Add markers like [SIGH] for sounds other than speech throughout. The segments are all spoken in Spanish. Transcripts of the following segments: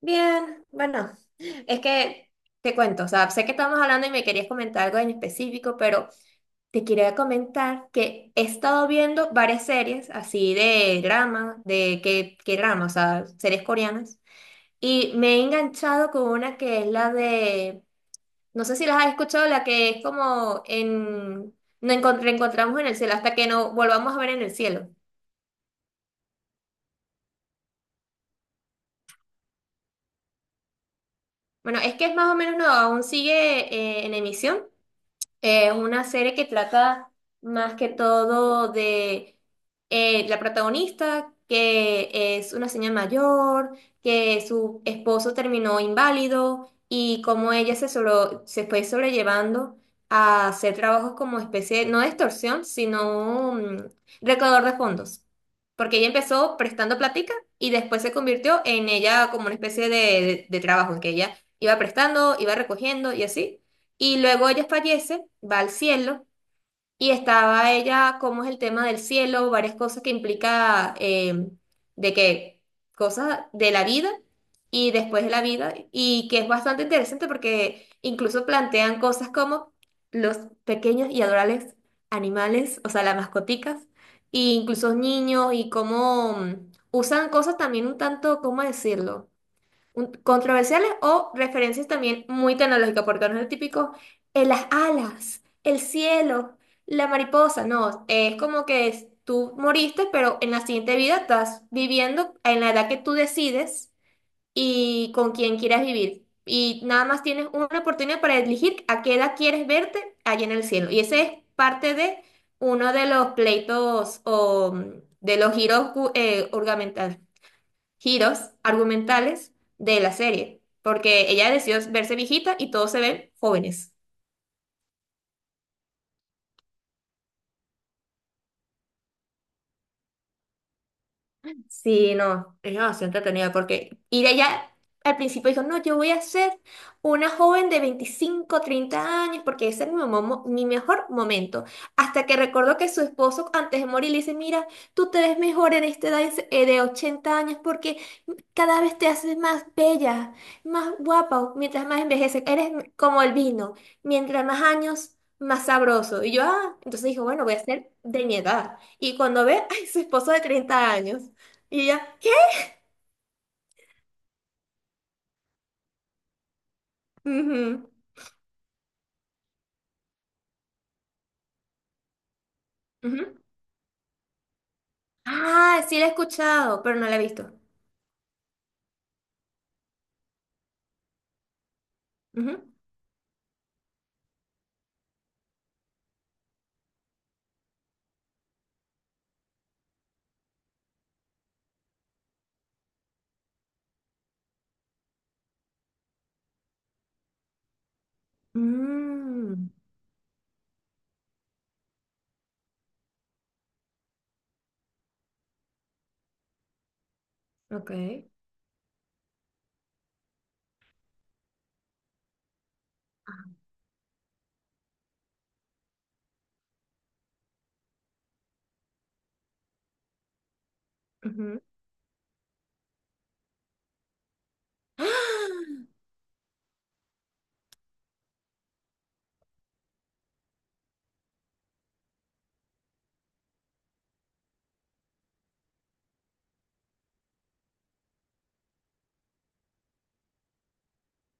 Bien, bueno, es que te cuento, o sea, sé que estamos hablando y me querías comentar algo en específico, pero te quería comentar que he estado viendo varias series así de drama, de qué drama, o sea, series coreanas, y me he enganchado con una que es la de, no sé si las has escuchado, la que es como en, no encont- reencontramos en el cielo hasta que no volvamos a ver en el cielo. Bueno, es que es más o menos, no, aún sigue en emisión. Es una serie que trata más que todo de la protagonista, que es una señora mayor, que su esposo terminó inválido y cómo ella se, solo se fue sobrellevando a hacer trabajos como especie, no de extorsión, sino recaudador de fondos. Porque ella empezó prestando plática y después se convirtió en ella como una especie de trabajo, en que ella iba prestando, iba recogiendo y así. Y luego ella fallece, va al cielo, y estaba ella, cómo es el tema del cielo, varias cosas que implica de que cosas de la vida y después de la vida, y que es bastante interesante porque incluso plantean cosas como los pequeños y adorables animales, o sea, las mascoticas, e incluso niños, y cómo usan cosas también un tanto, ¿cómo decirlo? Controversiales o referencias también muy tecnológicas, porque no es el típico en las alas, el cielo, la mariposa, no, es como que tú moriste, pero en la siguiente vida estás viviendo en la edad que tú decides y con quien quieras vivir. Y nada más tienes una oportunidad para elegir a qué edad quieres verte allá en el cielo. Y ese es parte de uno de los pleitos o de los giros ornamentales giros argumentales de la serie, porque ella decidió verse viejita y todos se ven jóvenes. Sí, no, es demasiado entretenido porque ir allá al principio dijo, no, yo voy a ser una joven de 25 30 años porque ese es mi mejor momento. Hasta que recordó que su esposo antes de morir le dice, mira, tú te ves mejor en esta edad de 80 años porque cada vez te haces más bella, más guapa, mientras más envejeces, eres como el vino, mientras más años, más sabroso. Y yo, ah, entonces dijo, bueno, voy a ser de mi edad. Y cuando ve, ay, su esposo de 30 años. Y ella, ¿qué? Ujú, ujú. Ah, sí la he escuchado, pero no la he visto. Ujú. Mm, ok. Ajá. Ujú. [GASPS] ¡Ah!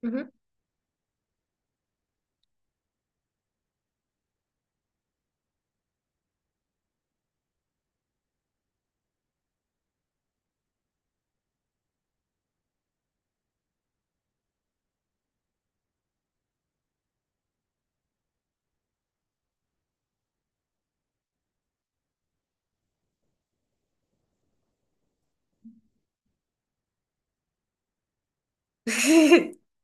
Ujú. [LAUGHS]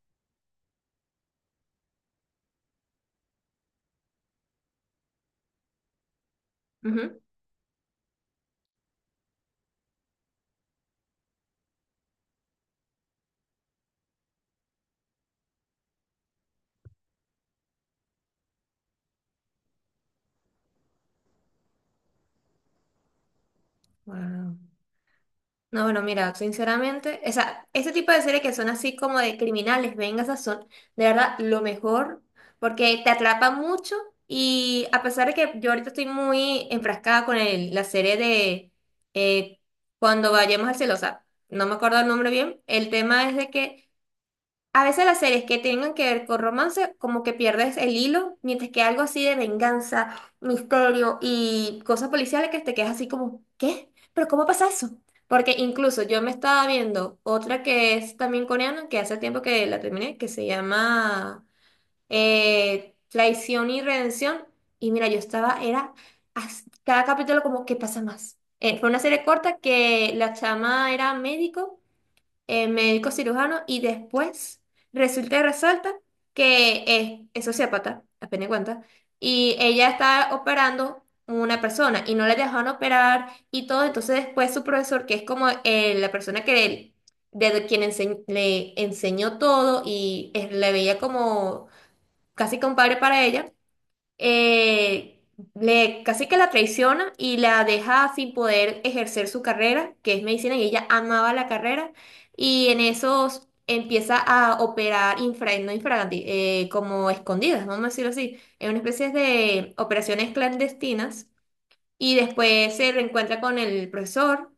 Ujú. Wow. No, bueno, mira, sinceramente, o sea, ese tipo de series que son así como de criminales, vengas son de verdad lo mejor, porque te atrapa mucho y a pesar de que yo ahorita estoy muy enfrascada con la serie de eh, Cuando vayamos al cielo, o sea, no me acuerdo el nombre bien, el tema es de que a veces las series que tengan que ver con romance, como que pierdes el hilo, mientras que algo así de venganza, misterio y cosas policiales que te quedas así como, ¿qué? ¿Pero cómo pasa eso? Porque incluso yo me estaba viendo otra que es también coreana, que hace tiempo que la terminé, que se llama Traición y Redención. Y mira, yo estaba, era cada capítulo como, ¿qué pasa más? Fue una serie corta que la chama era médico médico cirujano y después resulta y resalta que es sociópata, apenas cuenta, y ella está operando una persona y no le dejaron operar y todo, entonces después su profesor, que es como la persona que de quien le enseñó todo y le veía como casi compadre para ella, eh, le, casi que la traiciona y la deja sin poder ejercer su carrera, que es medicina, y ella amaba la carrera, y en esos empieza a operar infra, no infraganti, como escondidas, vamos a decirlo así, en una especie de operaciones clandestinas, y después se reencuentra con el profesor.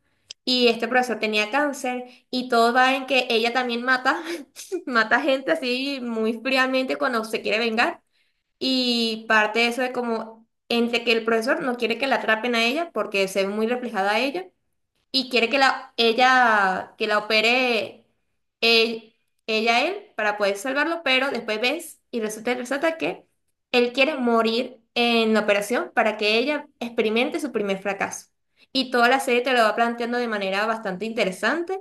Y este profesor tenía cáncer y todo va en que ella también mata, [LAUGHS] mata gente así muy fríamente cuando se quiere vengar. Y parte de eso de como entre que el profesor no quiere que la atrapen a ella porque se ve muy reflejada a ella y quiere que la ella que la opere él, ella a él para poder salvarlo, pero después ves y resulta y resalta que él quiere morir en la operación para que ella experimente su primer fracaso. Y toda la serie te lo va planteando de manera bastante interesante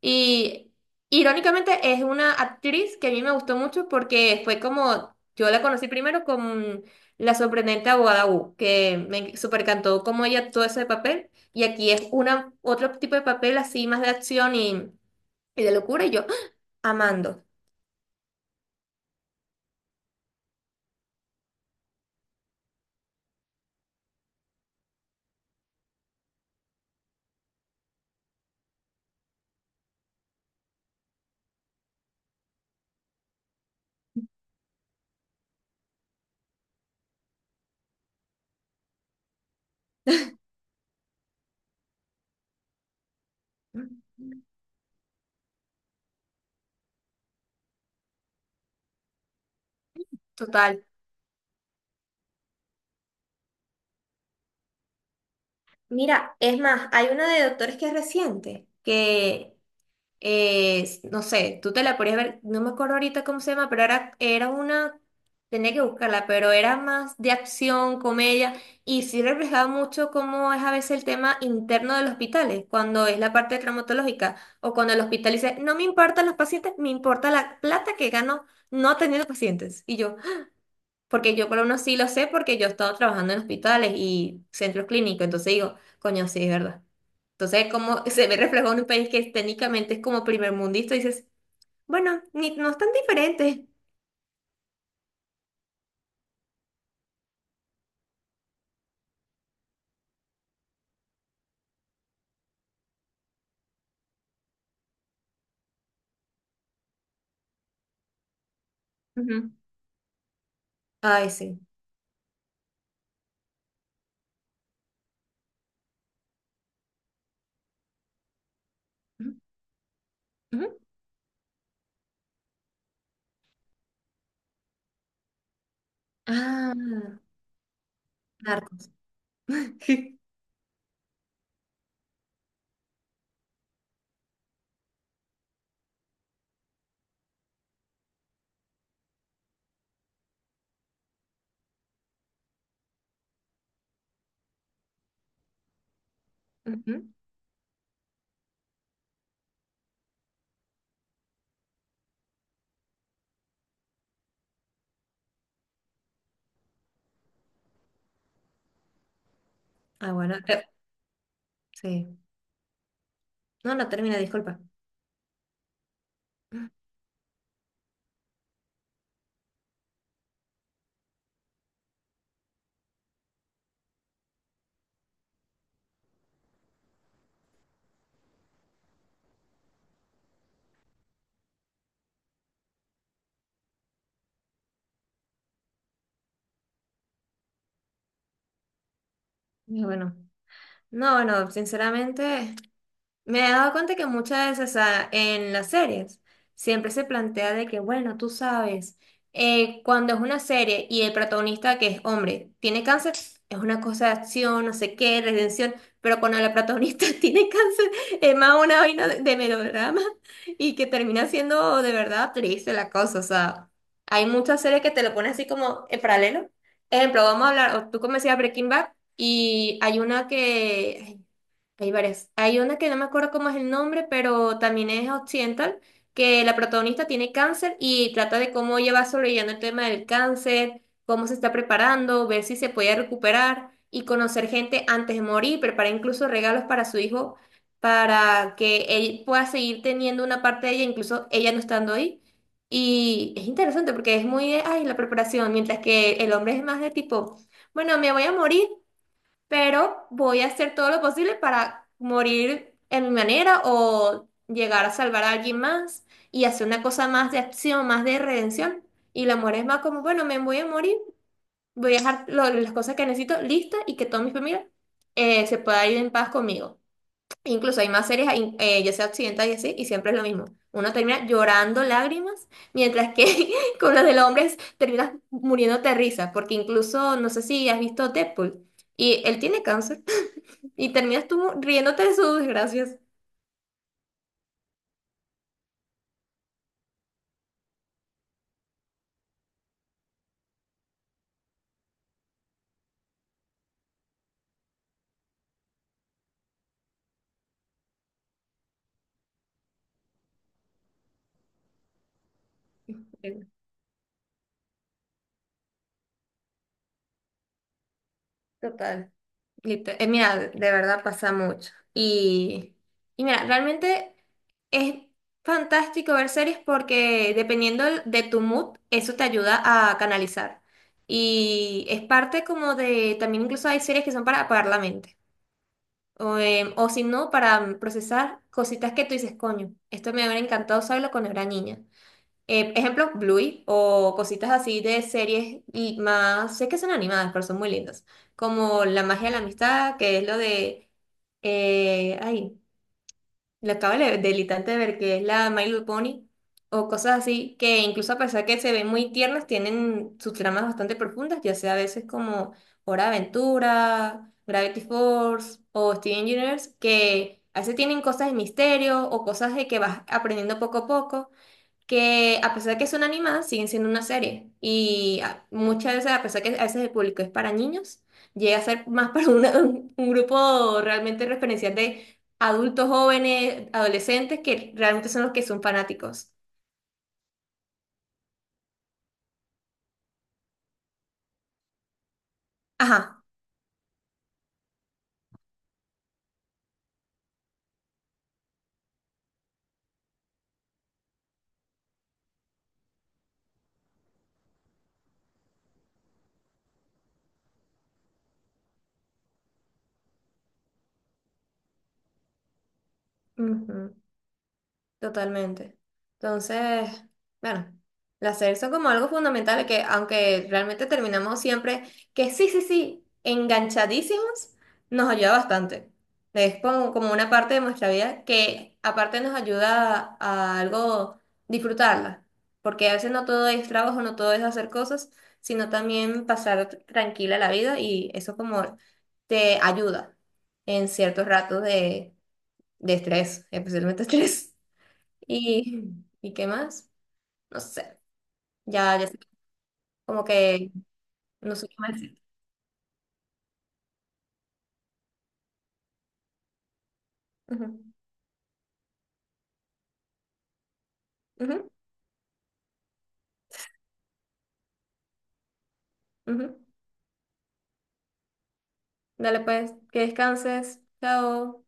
y irónicamente es una actriz que a mí me gustó mucho porque fue como, yo la conocí primero con La sorprendente abogada Wu, que me supercantó cómo ella actuó ese papel. Y aquí es una, otro tipo de papel así más de acción y de locura y yo ¡ah! Amando. Total. Mira, es más, hay una de doctores que es reciente, que no sé, tú te la podías ver, no me acuerdo ahorita cómo se llama, pero era una, tenía que buscarla, pero era más de acción, comedia, y sí reflejaba mucho cómo es a veces el tema interno de los hospitales, cuando es la parte traumatológica, o cuando el hospital dice, no me importan los pacientes, me importa la plata que gano no teniendo pacientes. Y yo, porque yo por lo menos sí lo sé porque yo he estado trabajando en hospitales y centros clínicos, entonces digo, coño, sí, es verdad. Entonces, como [LAUGHS] se ve reflejado en un país que técnicamente es como primer mundista, dices, bueno, ni, no es tan diferente. Ujú. Ay, sí. Ujú, ujú. Ah, narcos. [LAUGHS] Ujú. Ah, bueno, sí. No, no termina, disculpa. Y bueno, no, bueno, sinceramente. Me he dado cuenta que muchas veces, o sea, en las series, siempre se plantea de que, bueno, tú sabes, cuando es una serie y el protagonista, que es hombre, tiene cáncer, es una cosa de acción, no sé qué, redención, pero cuando la protagonista [LAUGHS] tiene cáncer, es más una vaina de melodrama y que termina siendo de verdad triste la cosa, o sea, hay muchas series que te lo ponen así como en paralelo. Ejemplo, vamos a hablar, o tú como decías Breaking Bad, y hay una que... Hay varias. Hay una que no me acuerdo cómo es el nombre, pero también es occidental, que la protagonista tiene cáncer y trata de cómo ella va sobreviviendo el tema del cáncer, cómo se está preparando, ver si se puede recuperar y conocer gente antes de morir, preparar incluso regalos para su hijo para que él pueda seguir teniendo una parte de ella, incluso ella no estando ahí. Y es interesante porque es muy de, ay, la preparación, mientras que el hombre es más de tipo, bueno, me voy a morir pero voy a hacer todo lo posible para morir en mi manera o llegar a salvar a alguien más y hacer una cosa más de acción, más de redención. Y la muerte es más como, bueno, me voy a morir, voy a dejar las cosas que necesito listas y que toda mi familia se pueda ir en paz conmigo. Incluso hay más series, ahí, ya sea occidental y así, y siempre es lo mismo. Uno termina llorando lágrimas, mientras que [LAUGHS] con los del hombre terminas muriéndote de risa, porque incluso, no sé si has visto Deadpool, y él tiene cáncer. Y terminas tú riéndote de sus desgracias. Total. Mira, de verdad pasa mucho. Y mira, realmente es fantástico ver series porque dependiendo de tu mood, eso te ayuda a canalizar. Y es parte como de, también incluso hay series que son para apagar la mente. O si no, para procesar cositas que tú dices, coño, esto me hubiera encantado saberlo cuando era niña. Ejemplo, Bluey o cositas así de series y más, sé que son animadas, pero son muy lindas, como La magia de la amistad, que es lo de, ay, lo acabo del instante de ver, que es la My Little Pony, o cosas así, que incluso a pesar que se ven muy tiernas, tienen sus tramas bastante profundas, ya sea a veces como Hora de Aventura, Gravity Force o Steven Universe, que a veces tienen cosas de misterio o cosas de que vas aprendiendo poco a poco que a pesar de que son animadas, siguen siendo una serie. Y muchas veces, a pesar que a veces el público es para niños, llega a ser más [LAUGHS] para un grupo realmente referencial de adultos jóvenes, adolescentes, que realmente son los que son fanáticos. Ajá. Totalmente. Entonces, bueno, las series son como algo fundamental que, aunque realmente terminamos siempre, que sí, sí, sí, enganchadísimos, nos ayuda bastante. Es como, como una parte de nuestra vida que aparte nos ayuda a algo disfrutarla, porque a veces no todo es trabajo, no todo es hacer cosas, sino también pasar tranquila la vida y eso como te ayuda en ciertos ratos de estrés, especialmente [LAUGHS] estrés. ¿Y, ¿y qué más? No sé. Ya, ya sé. Como que no sé qué más decir. Ujú, ujú, ujú. Dale pues, que descanses. Chao.